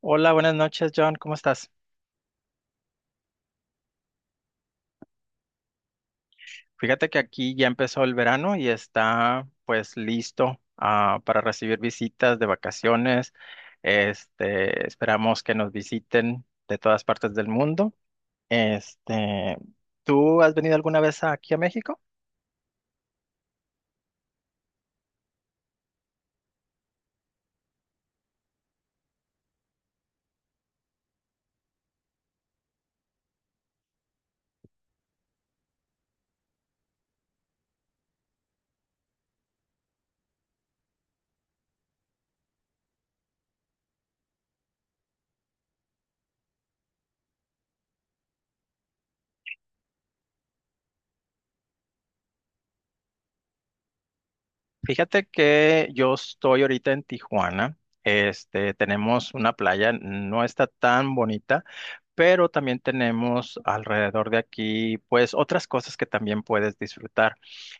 Hola, buenas noches, John. ¿Cómo estás? Fíjate que aquí ya empezó el verano y está pues listo para recibir visitas de vacaciones. Esperamos que nos visiten de todas partes del mundo. Este, ¿tú has venido alguna vez aquí a México? Fíjate que yo estoy ahorita en Tijuana. Tenemos una playa, no está tan bonita, pero también tenemos alrededor de aquí pues otras cosas que también puedes disfrutar.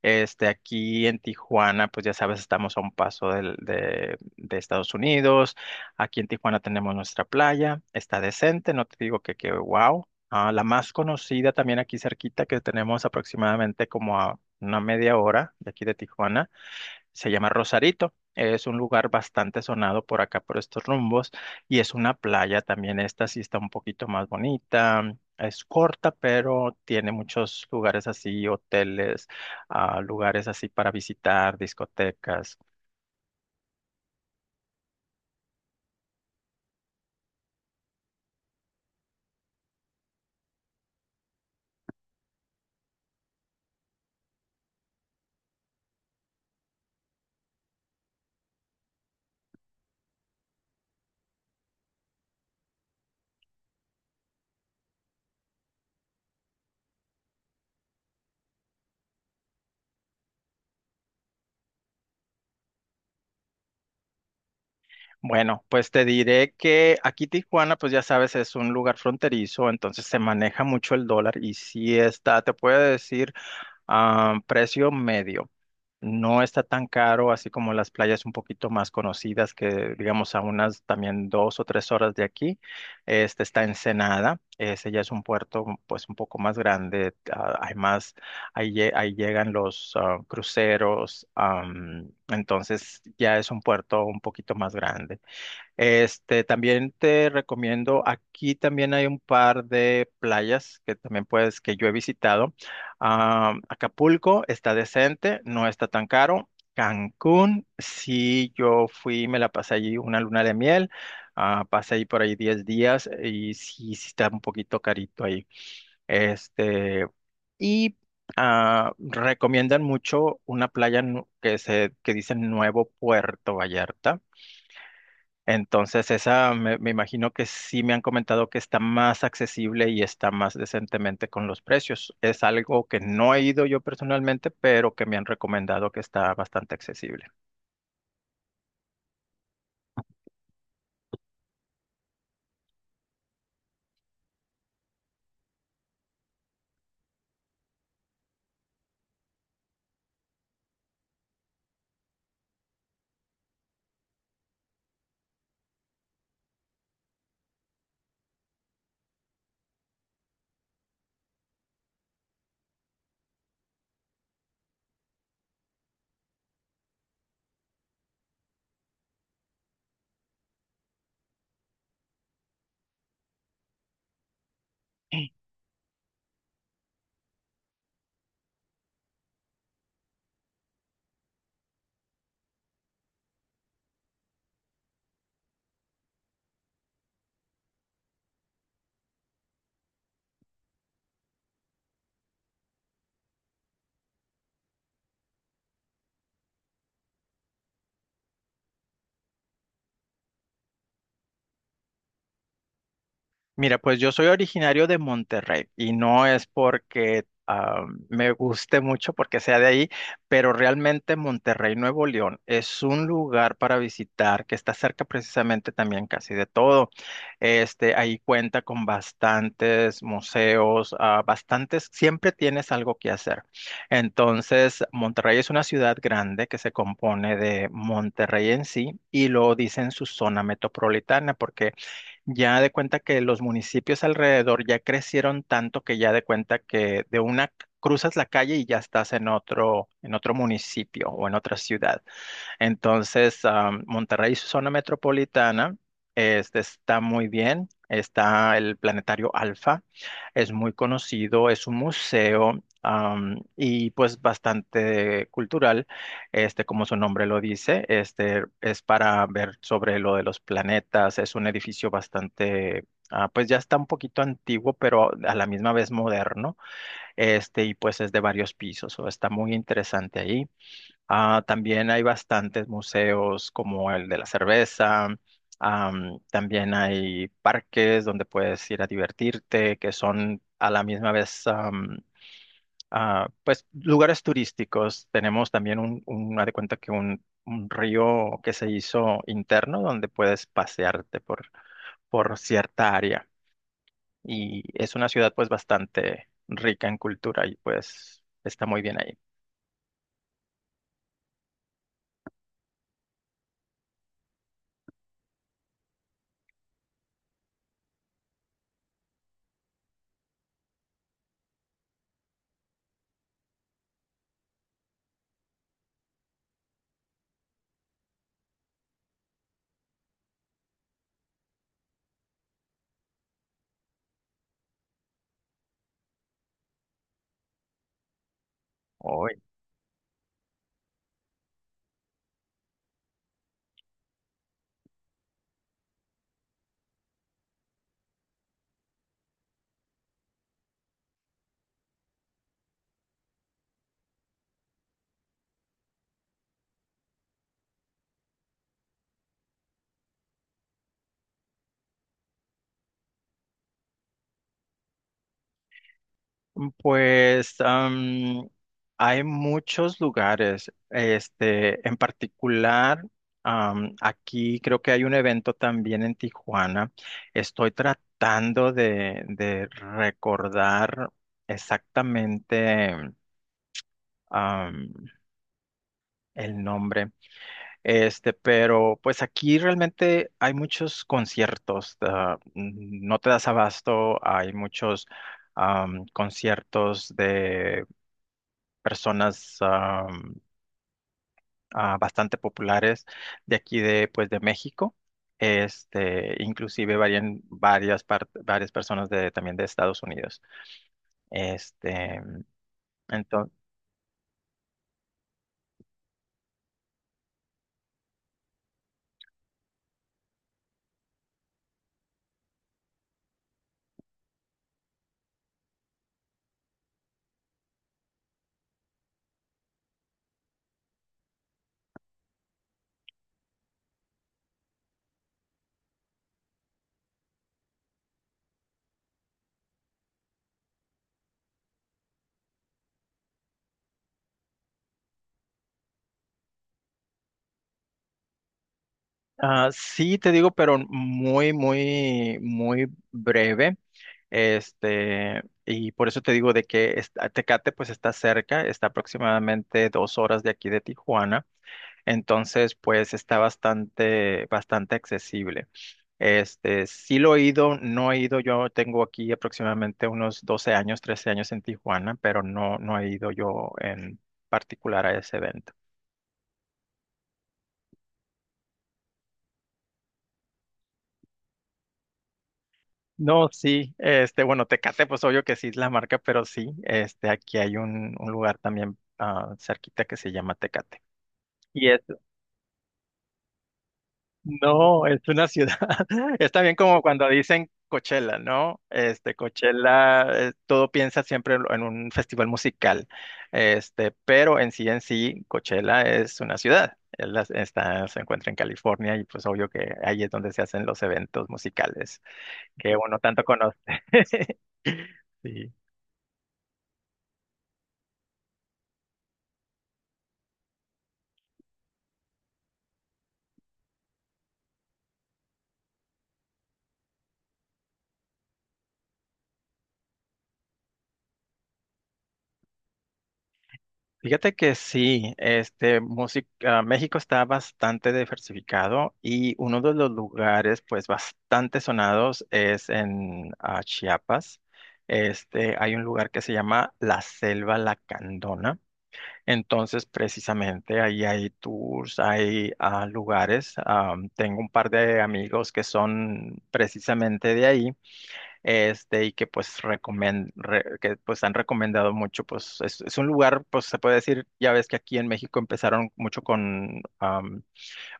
Aquí en Tijuana, pues ya sabes, estamos a un paso de Estados Unidos. Aquí en Tijuana tenemos nuestra playa, está decente, no te digo que wow. La más conocida también aquí cerquita, que tenemos aproximadamente como a una media hora de aquí de Tijuana se llama Rosarito. Es un lugar bastante sonado por acá, por estos rumbos. Y es una playa también. Esta sí está un poquito más bonita. Es corta, pero tiene muchos lugares así, hoteles, lugares así para visitar, discotecas. Bueno, pues te diré que aquí Tijuana, pues ya sabes, es un lugar fronterizo, entonces se maneja mucho el dólar y si está, te puedo decir precio medio. No está tan caro, así como las playas un poquito más conocidas, que digamos a unas también 2 o 3 horas de aquí. Está Ensenada, ese ya es un puerto pues un poco más grande. Hay más, ahí, ahí llegan los cruceros, entonces ya es un puerto un poquito más grande. También te recomiendo, aquí también hay un par de playas que también puedes, que yo he visitado. Acapulco está decente, no está tan caro. Cancún, sí, yo fui, me la pasé allí una luna de miel, pasé ahí por ahí 10 días y sí, sí está un poquito carito ahí. Este, y recomiendan mucho una playa que dicen Nuevo Puerto Vallarta. Entonces, esa me imagino que sí me han comentado que está más accesible y está más decentemente con los precios. Es algo que no he ido yo personalmente, pero que me han recomendado que está bastante accesible. Mira, pues yo soy originario de Monterrey y no es porque me guste mucho, porque sea de ahí, pero realmente Monterrey, Nuevo León, es un lugar para visitar que está cerca precisamente también casi de todo. Ahí cuenta con bastantes museos, bastantes, siempre tienes algo que hacer. Entonces, Monterrey es una ciudad grande que se compone de Monterrey en sí y lo dicen su zona metropolitana, porque ya de cuenta que los municipios alrededor ya crecieron tanto que ya de cuenta que cruzas la calle y ya estás en otro municipio o en otra ciudad. Entonces, Monterrey, su zona metropolitana, está muy bien. Está el Planetario Alfa, es muy conocido, es un museo y pues bastante cultural, como su nombre lo dice, es para ver sobre lo de los planetas, es un edificio bastante, pues ya está un poquito antiguo, pero a la misma vez moderno, y pues es de varios pisos, o está muy interesante ahí. También hay bastantes museos como el de la cerveza. También hay parques donde puedes ir a divertirte, que son a la misma vez, pues, lugares turísticos. Tenemos también haz de cuenta que un río que se hizo interno donde puedes pasearte por cierta área. Y es una ciudad, pues, bastante rica en cultura y, pues, está muy bien ahí. Pues hay muchos lugares, en particular, aquí creo que hay un evento también en Tijuana. Estoy tratando de recordar exactamente am, el nombre, pero pues aquí realmente hay muchos conciertos, no te das abasto, hay muchos conciertos de personas bastante populares de aquí de, pues, de México. Inclusive varían varias personas también de Estados Unidos. Este, entonces, sí te digo, pero muy, muy, muy breve. Y por eso te digo de que Tecate pues está cerca, está aproximadamente 2 horas de aquí de Tijuana. Entonces, pues está bastante, bastante accesible. Sí lo he ido, no he ido, yo tengo aquí aproximadamente unos 12 años, 13 años en Tijuana, pero no, no he ido yo en particular a ese evento. No, sí, bueno, Tecate, pues obvio que sí es la marca, pero sí, aquí hay un lugar también cerquita que se llama Tecate. Y es No, es una ciudad. Es también como cuando dicen Coachella, ¿no? Coachella, todo piensa siempre en un festival musical. Pero en sí, Coachella es una ciudad. Está, se encuentra en California y pues obvio que ahí es donde se hacen los eventos musicales que uno tanto conoce. Sí. Fíjate que sí, México está bastante diversificado y uno de los lugares pues bastante sonados es en Chiapas. Hay un lugar que se llama La Selva Lacandona. Entonces, precisamente ahí hay tours, hay lugares. Tengo un par de amigos que son precisamente de ahí y que pues que pues han recomendado mucho, pues es un lugar, pues se puede decir, ya ves que aquí en México empezaron mucho con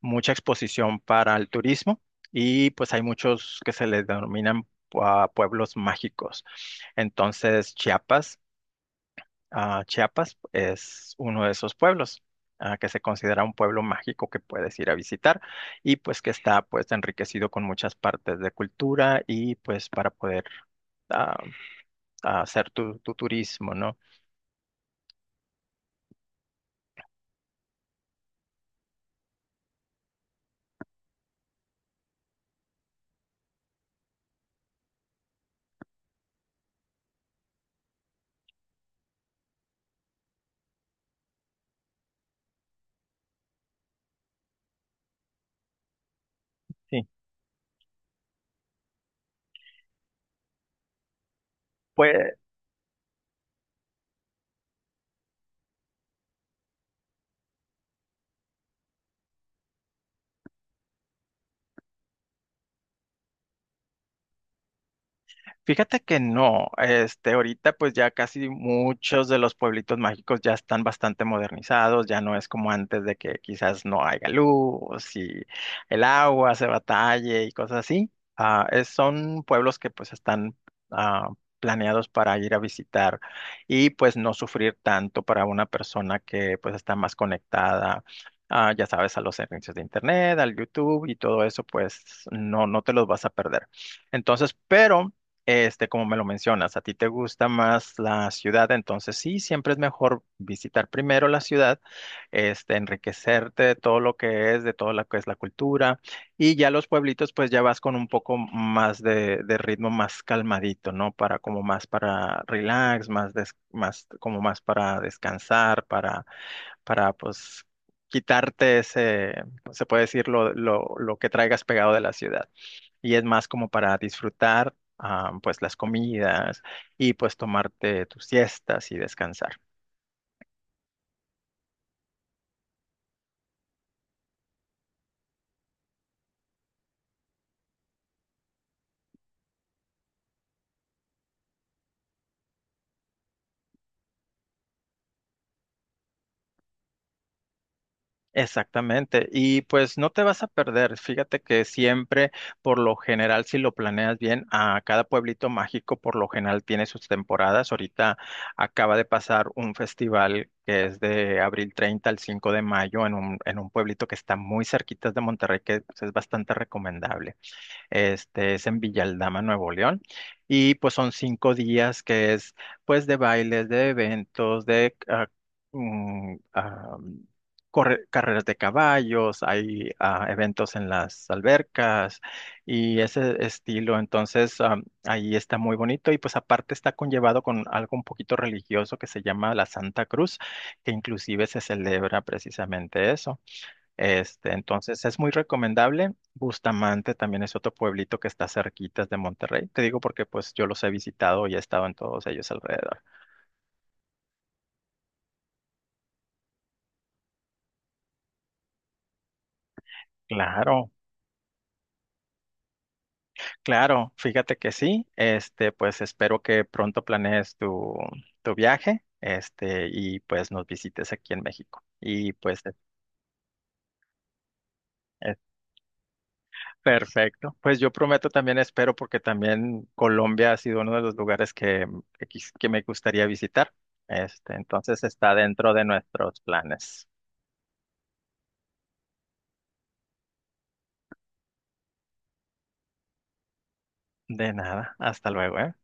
mucha exposición para el turismo y pues hay muchos que se les denominan pueblos mágicos. Entonces, Chiapas es uno de esos pueblos. Que se considera un pueblo mágico que puedes ir a visitar y pues que está pues enriquecido con muchas partes de cultura y pues para poder ah, a hacer tu turismo, ¿no? Sí. Pues fíjate que no, ahorita pues ya casi muchos de los pueblitos mágicos ya están bastante modernizados, ya no es como antes de que quizás no haya luz y el agua se batalle y cosas así. Son pueblos que pues están ah, planeados para ir a visitar y pues no sufrir tanto para una persona que pues está más conectada. Ya sabes, a los servicios de internet, al YouTube y todo eso, pues no, no te los vas a perder. Entonces, pero como me lo mencionas, a ti te gusta más la ciudad, entonces sí, siempre es mejor visitar primero la ciudad, enriquecerte de todo lo que es, de todo lo que es la cultura, y ya los pueblitos, pues ya vas con un poco más de ritmo más calmadito, ¿no? Para como más para relax, más como más para descansar, para pues quitarte ese, se puede decir, lo que traigas pegado de la ciudad y es más como para disfrutar pues las comidas y pues tomarte tus siestas y descansar. Exactamente, y pues no te vas a perder, fíjate que siempre, por lo general, si lo planeas bien, a cada pueblito mágico por lo general tiene sus temporadas. Ahorita acaba de pasar un festival que es de abril 30 al 5 de mayo en en un pueblito que está muy cerquita de Monterrey, que pues, es bastante recomendable. Este es en Villaldama, Nuevo León. Y pues son 5 días que es pues de bailes, de eventos, de mm, ah, carreras de caballos, hay eventos en las albercas y ese estilo. Entonces ahí está muy bonito y pues aparte está conllevado con algo un poquito religioso que se llama la Santa Cruz, que inclusive se celebra precisamente eso. Entonces es muy recomendable. Bustamante también es otro pueblito que está cerquitas de Monterrey. Te digo porque pues yo los he visitado y he estado en todos ellos alrededor. Claro, claro, fíjate que sí. Pues espero que pronto planees tu viaje, y pues nos visites aquí en México. Y pues Perfecto. Pues yo prometo también espero porque también Colombia ha sido uno de los lugares que, que me gustaría visitar. Entonces está dentro de nuestros planes. De nada. Hasta luego, ¿eh?